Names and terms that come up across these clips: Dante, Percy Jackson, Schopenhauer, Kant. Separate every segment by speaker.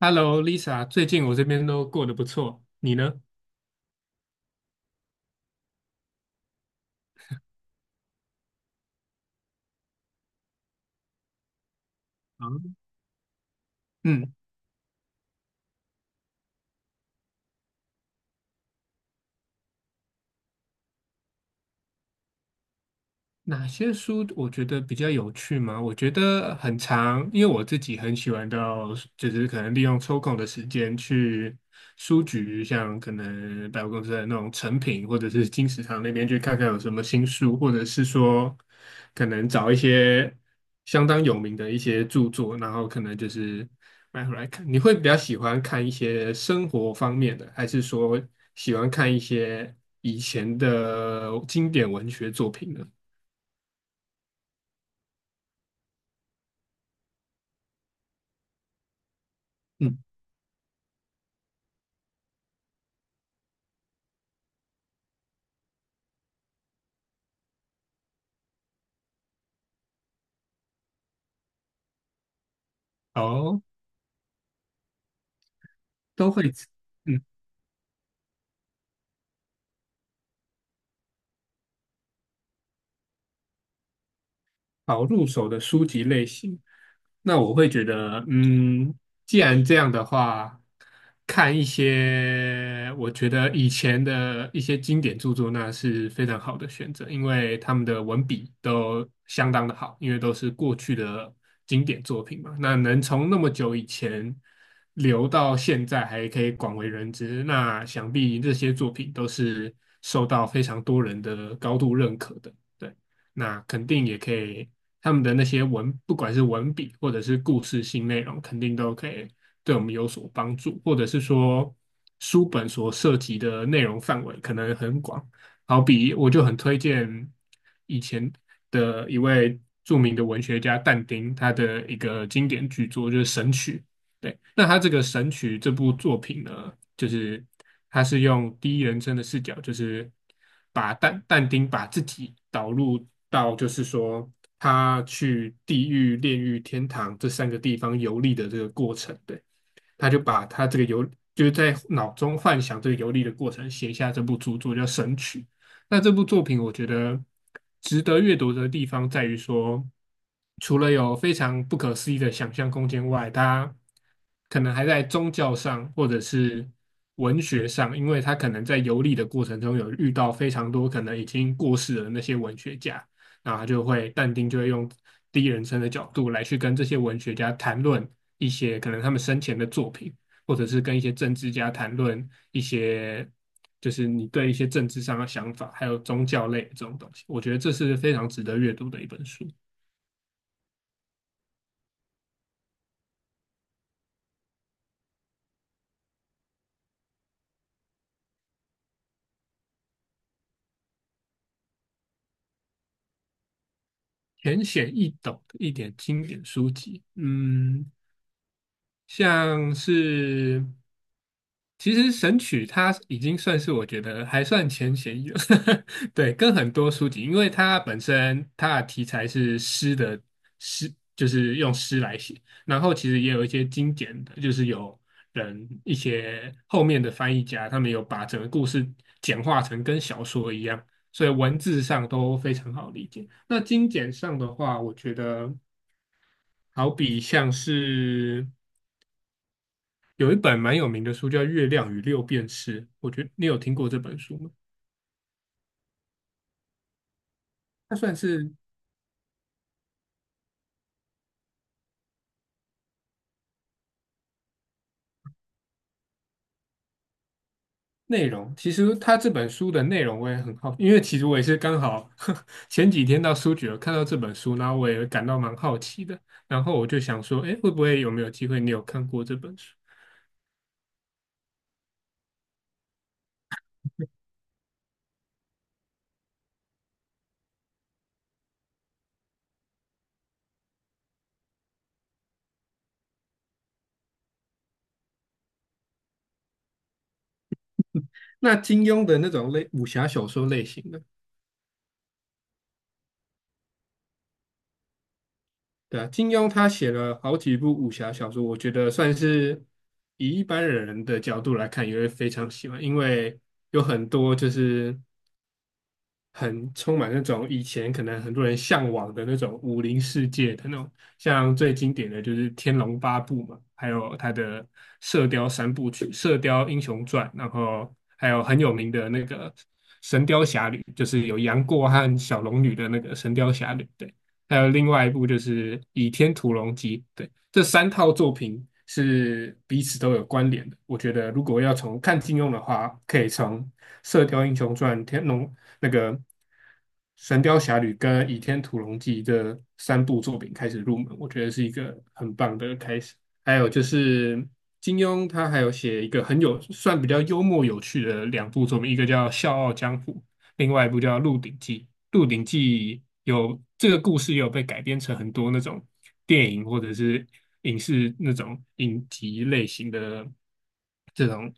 Speaker 1: Hello，Lisa，最近我这边都过得不错，你呢？啊，嗯，哪些书我觉得比较有趣吗？我觉得很长，因为我自己很喜欢到，就是可能利用抽空的时间去书局，像可能百货公司的那种成品，或者是金石堂那边去看看有什么新书，或者是说可能找一些相当有名的一些著作，然后可能就是买回来看。你会比较喜欢看一些生活方面的，还是说喜欢看一些以前的经典文学作品呢？嗯。哦，都会吃，嗯，好入手的书籍类型，那我会觉得，嗯，既然这样的话，看一些我觉得以前的一些经典著作，那是非常好的选择，因为他们的文笔都相当的好，因为都是过去的经典作品嘛。那能从那么久以前留到现在，还可以广为人知，那想必这些作品都是受到非常多人的高度认可的。对。那肯定也可以他们的那些文，不管是文笔或者是故事性内容，肯定都可以对我们有所帮助，或者是说书本所涉及的内容范围可能很广。好比我就很推荐以前的一位著名的文学家但丁，他的一个经典巨作就是《神曲》，对，那他这个《神曲》这部作品呢，就是他是用第一人称的视角，就是把但丁把自己导入到，就是说他去地狱、炼狱、天堂这三个地方游历的这个过程。对，他就把他这个游就是在脑中幻想这个游历的过程，写下这部著作叫《神曲》。那这部作品，我觉得值得阅读的地方在于说，除了有非常不可思议的想象空间外，他可能还在宗教上或者是文学上，因为他可能在游历的过程中有遇到非常多可能已经过世的那些文学家，然后他就会但丁就会用第一人称的角度来去跟这些文学家谈论。一些可能他们生前的作品，或者是跟一些政治家谈论一些，就是你对一些政治上的想法，还有宗教类的这种东西，我觉得这是非常值得阅读的一本书，浅显易懂的一点经典书籍。嗯，像是其实《神曲》它已经算是我觉得还算前显有，对，跟很多书籍，因为它本身它的题材是诗，就是用诗来写，然后其实也有一些精简的，就是有人一些后面的翻译家，他们有把整个故事简化成跟小说一样，所以文字上都非常好理解。那精简上的话，我觉得好比像是。有一本蛮有名的书叫《月亮与六便士》，我觉得你有听过这本书吗？它算是内容，其实它这本书的内容我也很好，因为其实我也是刚好 前几天到书局有看到这本书，然后我也感到蛮好奇的，然后我就想说，哎，会不会有没有机会你有看过这本书？那金庸的那种类武侠小说类型的，对啊，金庸他写了好几部武侠小说，我觉得算是以一般人的角度来看，也会非常喜欢，因为有很多就是很充满那种以前可能很多人向往的那种武林世界的那种，像最经典的就是《天龙八部》嘛，还有他的《射雕三部曲》《射雕英雄传》，然后还有很有名的那个《神雕侠侣》，就是有杨过和小龙女的那个《神雕侠侣》，对，还有另外一部就是《倚天屠龙记》，对，这三套作品是彼此都有关联的。我觉得如果要从看金庸的话，可以从《射雕英雄传》、《天龙》那个《神雕侠侣》跟《倚天屠龙记》这三部作品开始入门，我觉得是一个很棒的开始。还有就是金庸，他还有写一个很有算比较幽默有趣的两部作品，一个叫《笑傲江湖》，另外一部叫《鹿鼎记》。《鹿鼎记》有这个故事也有被改编成很多那种电影或者是影视那种影集类型的这种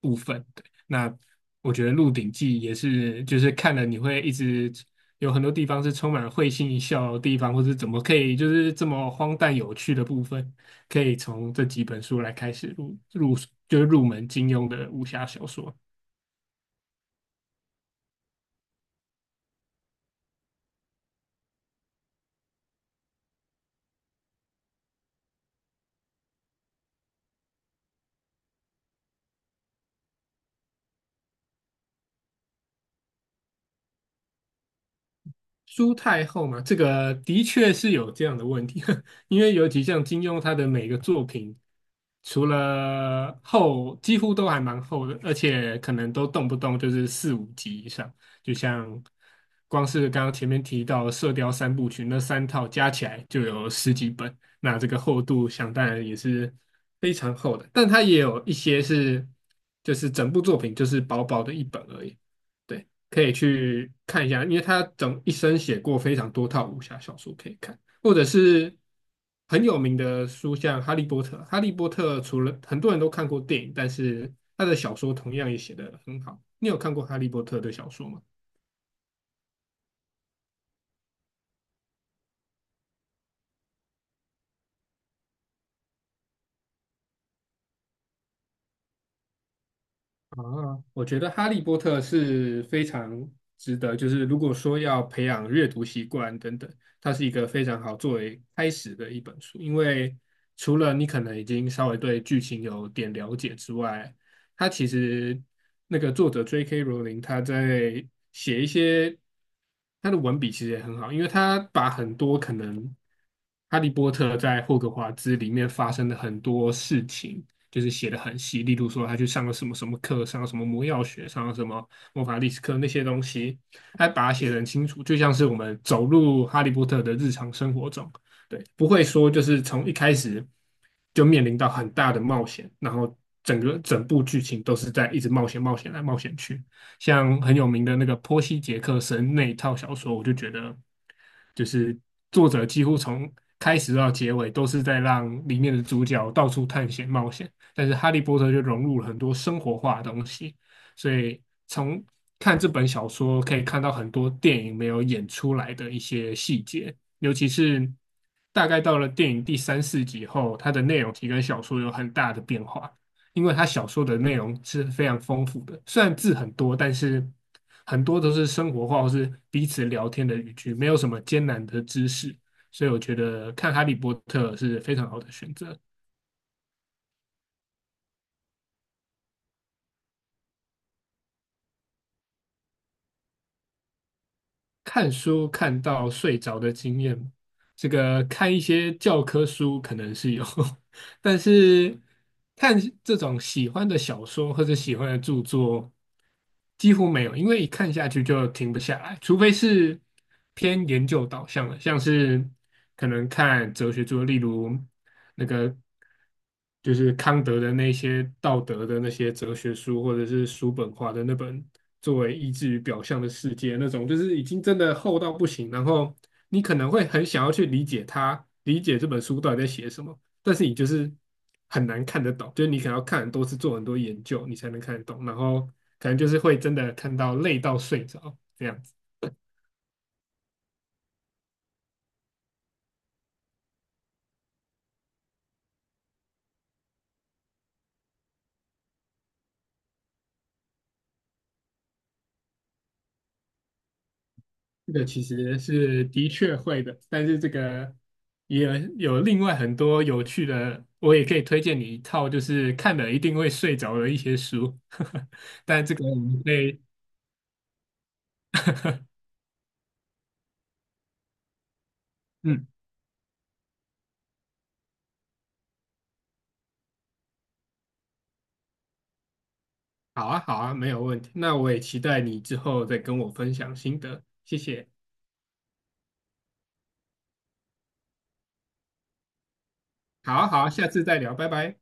Speaker 1: 部分。那我觉得《鹿鼎记》也是，就是看了你会一直有很多地方是充满会心一笑的地方，或是怎么可以就是这么荒诞有趣的部分，可以从这几本书来开始就是入门金庸的武侠小说。苏太后嘛，这个的确是有这样的问题，因为尤其像金庸他的每个作品，除了厚，几乎都还蛮厚的，而且可能都动不动就是四五集以上，就像光是刚刚前面提到的《射雕三部曲》那三套加起来就有十几本，那这个厚度想当然也是非常厚的，但它也有一些是就是整部作品就是薄薄的一本而已。对。可以去看一下，因为他整一生写过非常多套武侠小说可以看，或者是很有名的书，像《哈利波特》。《哈利波特》除了很多人都看过电影，但是他的小说同样也写得很好。你有看过《哈利波特》的小说吗？啊，我觉得《哈利波特》是非常值得，就是如果说要培养阅读习惯等等，它是一个非常好作为开始的一本书。因为除了你可能已经稍微对剧情有点了解之外，它其实那个作者 J.K. 罗琳他在写一些他的文笔其实也很好，因为他把很多可能《哈利波特》在霍格华兹里面发生的很多事情。就是写的很细，例如说他去上了什么什么课，上了什么魔药学，上了什么魔法历史课那些东西，他把它写的很清楚，就像是我们走入哈利波特的日常生活中，对，不会说就是从一开始就面临到很大的冒险，然后整部剧情都是在一直冒险、冒险来冒险去。像很有名的那个波西·杰克森那一套小说，我就觉得就是作者几乎从开始到结尾都是在让里面的主角到处探险冒险，但是《哈利波特》就融入了很多生活化的东西，所以从看这本小说可以看到很多电影没有演出来的一些细节，尤其是大概到了电影第三四集后，它的内容其实跟小说有很大的变化，因为它小说的内容是非常丰富的，虽然字很多，但是很多都是生活化或是彼此聊天的语句，没有什么艰难的知识，所以我觉得看《哈利波特》是非常好的选择。看书看到睡着的经验吗？这个看一些教科书可能是有，但是看这种喜欢的小说或者喜欢的著作，几乎没有，因为一看下去就停不下来，除非是偏研究导向的，像是可能看哲学著作，例如那个就是康德的那些道德的那些哲学书，或者是叔本华的那本作为意志与表象的世界那种，就是已经真的厚到不行，然后你可能会很想要去理解它，理解这本书到底在写什么。但是你就是很难看得懂，就是你可能要看很多次，做很多研究，你才能看得懂。然后可能就是会真的看到累到睡着这样子。这个其实是的确会的，但是这个也有另外很多有趣的，我也可以推荐你一套，就是看了一定会睡着的一些书。但这个我们可以嗯，好啊，好啊，没有问题。那我也期待你之后再跟我分享心得，谢谢。好啊，好啊，下次再聊，拜拜。